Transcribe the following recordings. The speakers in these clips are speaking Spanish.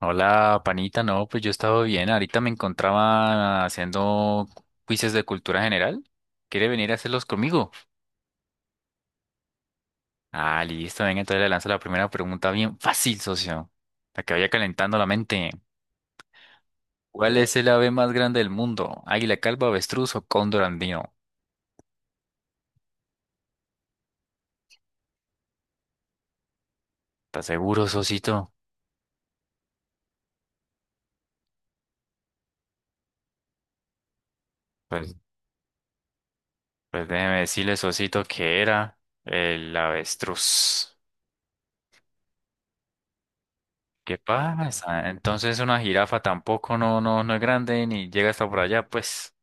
Hola, panita. No, pues yo he estado bien. Ahorita me encontraba haciendo quizzes de cultura general. ¿Quiere venir a hacerlos conmigo? Ah, listo. Venga, entonces le lanzo la primera pregunta bien fácil, socio. La que vaya calentando la mente. ¿Cuál es el ave más grande del mundo? ¿Águila calva, avestruz o cóndor andino? ¿Estás seguro, socito? Pues, pues, déjeme decirle, socito, que era el avestruz. ¿Qué pasa? Entonces una jirafa tampoco no, no, no es grande ni llega hasta por allá, pues.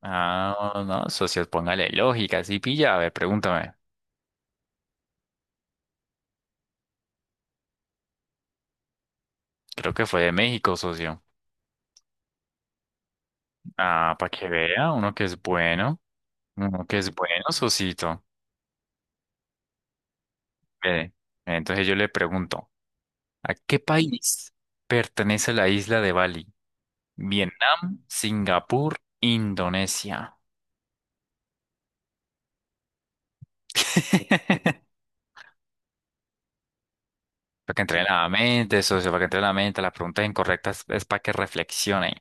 Ah, no, no, socio, póngale lógica, sí pilla, a ver, pregúntame. Creo que fue de México, socio. Ah, para que vea, uno que es bueno, socito. Ve, entonces yo le pregunto, ¿a qué país pertenece la isla de Bali? Vietnam, Singapur, Indonesia. Para que entre en la mente, socio, para que entre en la mente, las preguntas incorrectas es para que reflexionen.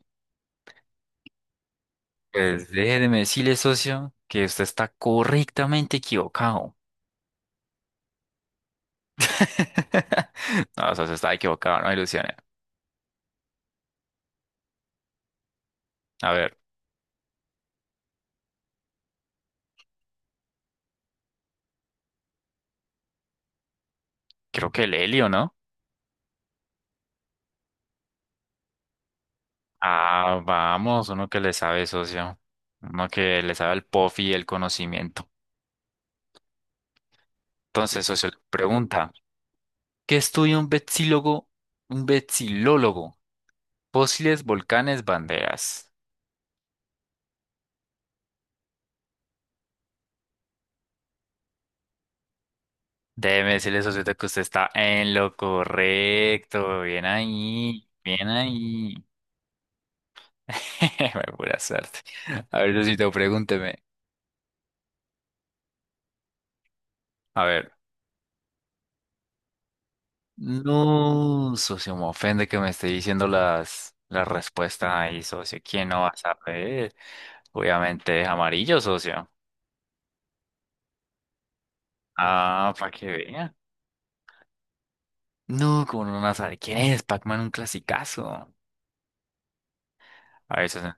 Pues déjeme decirle, socio, que usted está correctamente equivocado. No, o sea, se estaba equivocado, no ilusiones. A ver, creo que el helio, ¿no? Ah, vamos, uno que le sabe, socio. Uno que le sabe al pofi y el conocimiento. Entonces, socio, le pregunta, ¿qué estudia un vexilólogo? Un vexilólogo. Fósiles, volcanes, banderas. Déjeme decirle, socio, que usted está en lo correcto. Bien ahí. Pura suerte. A ver, Lucito, pregúnteme. A ver. No, socio, me ofende que me esté diciendo las respuestas ahí, socio. ¿Quién no va a saber? Obviamente es amarillo, socio. Ah, para que vea. No, como no van a saber quién es, Pac-Man, un clasicazo. A ver, socio.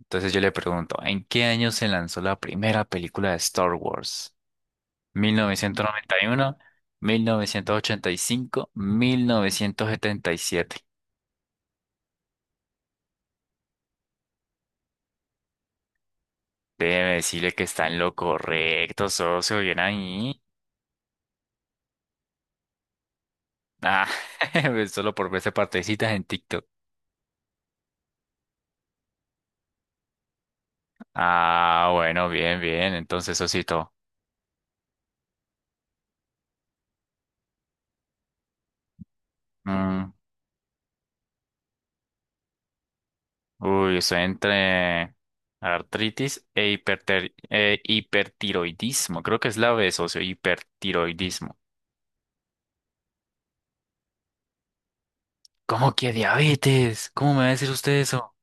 Entonces yo le pregunto, ¿en qué año se lanzó la primera película de Star Wars? ¿1991, 1985, 1977? Debe decirle que está en lo correcto, socio. Bien ahí. Ah, solo por verse partecitas en TikTok. Ah, bueno, bien. Entonces, Osito. Mm, uy, estoy entre artritis e hipertiroidismo. Creo que es la B, socio, hipertiroidismo. ¿Cómo que diabetes? ¿Cómo me va a decir usted eso?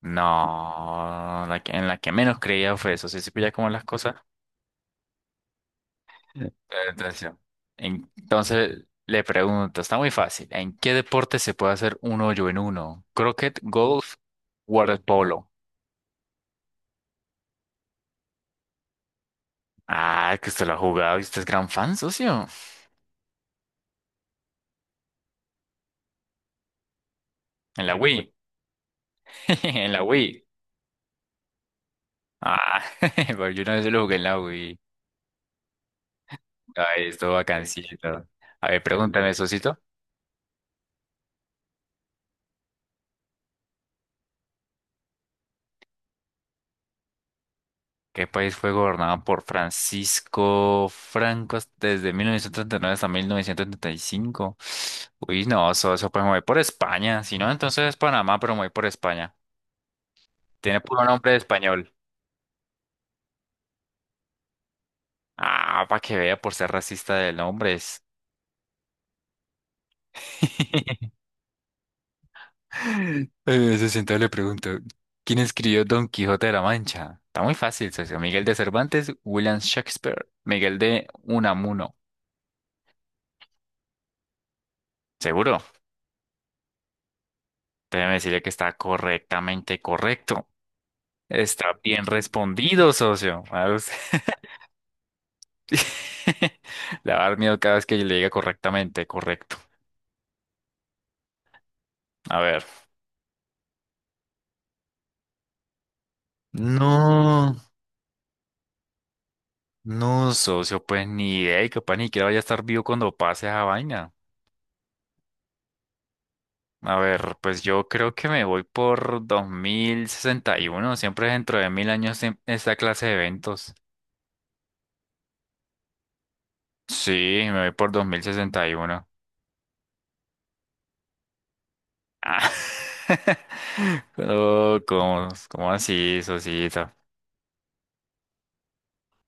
No, en la que menos creía fue eso. Se pilla como las cosas. Natación. Entonces le pregunto, está muy fácil. ¿En qué deporte se puede hacer un hoyo en uno? Croquet, golf, waterpolo. Ah, que usted lo ha jugado y usted es gran fan, socio. En la Wii. En la Wii. Ah, porque yo una vez lo jugué en la Wii. Ay, esto bacancito. A ver, pregúntame, socio. ¿Qué país fue gobernado por Francisco Franco desde 1939 hasta 1935? Uy, no, eso pues me voy por España. Si no, entonces es Panamá, pero me voy por España. Tiene puro nombre de español. Ah, para que vea por ser racista de nombres. Se sentó le pregunto, ¿quién escribió Don Quijote de la Mancha? Está muy fácil, socio. Miguel de Cervantes, William Shakespeare, Miguel de Unamuno. ¿Seguro? Déjeme decirle que está correctamente correcto. Está bien respondido, socio. A usted. Le va a dar miedo cada vez que yo le diga correctamente, correcto. A ver. No, no, socio, pues ni idea y capaz ni siquiera vaya a estar vivo cuando pase esa vaina. A ver, pues yo creo que me voy por 2061. Siempre dentro de mil años esta clase de eventos. Sí, me voy por 2061. Ah. No, ¿cómo así, socito?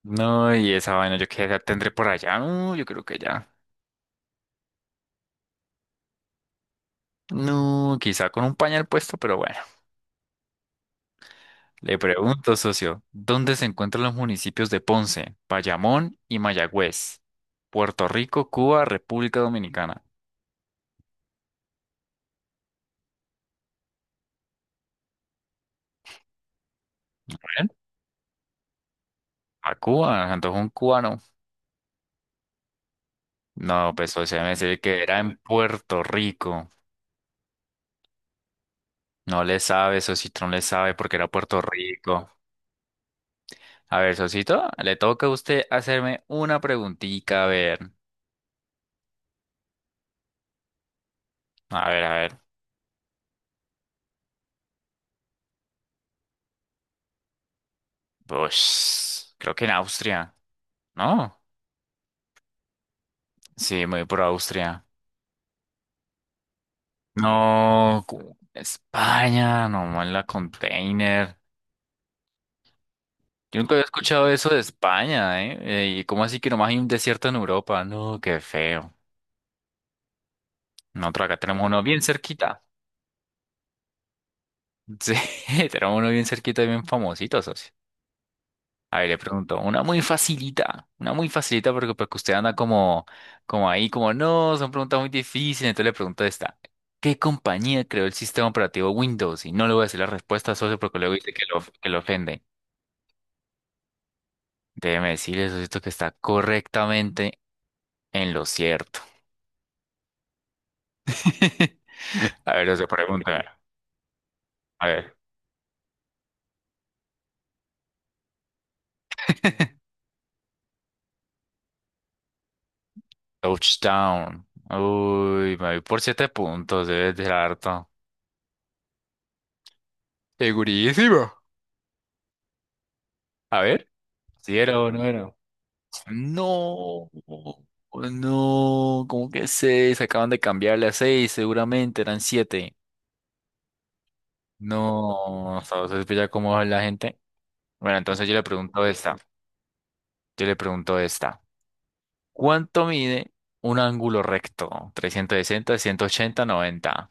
No, y esa vaina, ¿yo qué edad tendré por allá? No, yo creo que ya. No, quizá con un pañal puesto, pero bueno. Le pregunto, socio, ¿dónde se encuentran los municipios de Ponce, Bayamón y Mayagüez? Puerto Rico, Cuba, República Dominicana. ¿Bien? A Cuba, entonces un cubano. No, pues socio, me decir que era en Puerto Rico. No le sabe, socito, no le sabe porque era Puerto Rico. A ver, socito, le toca a usted hacerme una preguntita, a ver. A ver. Pues creo que en Austria, ¿no? Sí, me voy por Austria. No, España, nomás la container. Yo nunca había escuchado eso de España, ¿eh? ¿Y cómo así que nomás hay un desierto en Europa? No, qué feo. Nosotros acá tenemos uno bien cerquita. Sí, tenemos uno bien cerquita y bien famosito, socio. A ver, le pregunto, una muy facilita porque pues que usted anda como, como ahí, como no, son preguntas muy difíciles, entonces le pregunto esta, ¿qué compañía creó el sistema operativo Windows? Y no le voy a decir la respuesta, socio, porque luego dice que lo ofende. Déjeme decirle, socio, que está correctamente en lo cierto. A ver, socio, pregúntame. A ver. Touchdown. Uy, me voy por 7 puntos, debe ser harto. Segurísimo. A ver, si era o no era. No, no, ¿cómo que seis? Acaban de cambiarle a seis, seguramente eran siete. No, ¿sabes ya cómo va la gente? Bueno, entonces yo le pregunto esta. Yo le pregunto esta. ¿Cuánto mide un ángulo recto? 360, 180, 90.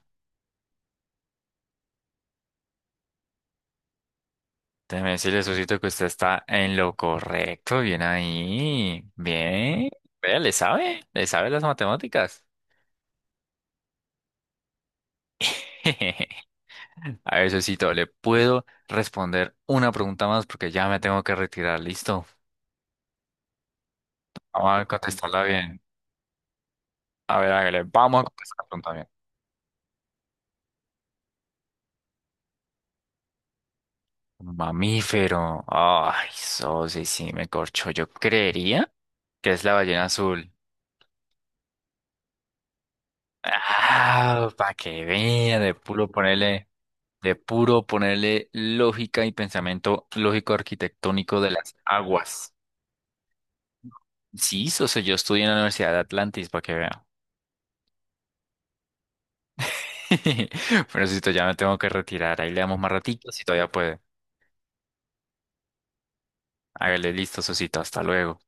Déjeme decirle, Sosito, que usted está en lo correcto. Bien ahí. Bien. Vea, le sabe. Le sabe las matemáticas. A ver, Sosito, ¿le puedo responder una pregunta más? Porque ya me tengo que retirar, ¿listo? Vamos a contestarla bien. A ver, hágale, vamos a contestar la pregunta bien. Mamífero. Ay, Sosi, sí, me corchó. Yo creería que es la ballena azul. Ah, para que vea, de puro ponerle lógica y pensamiento lógico arquitectónico de las aguas. Sí, Sosi, yo estudié en la Universidad de Atlantis, para que vea. Pero Sosito, ya me tengo que retirar. Ahí le damos más ratito si todavía puede. Hágale listo, Sosito. Hasta luego.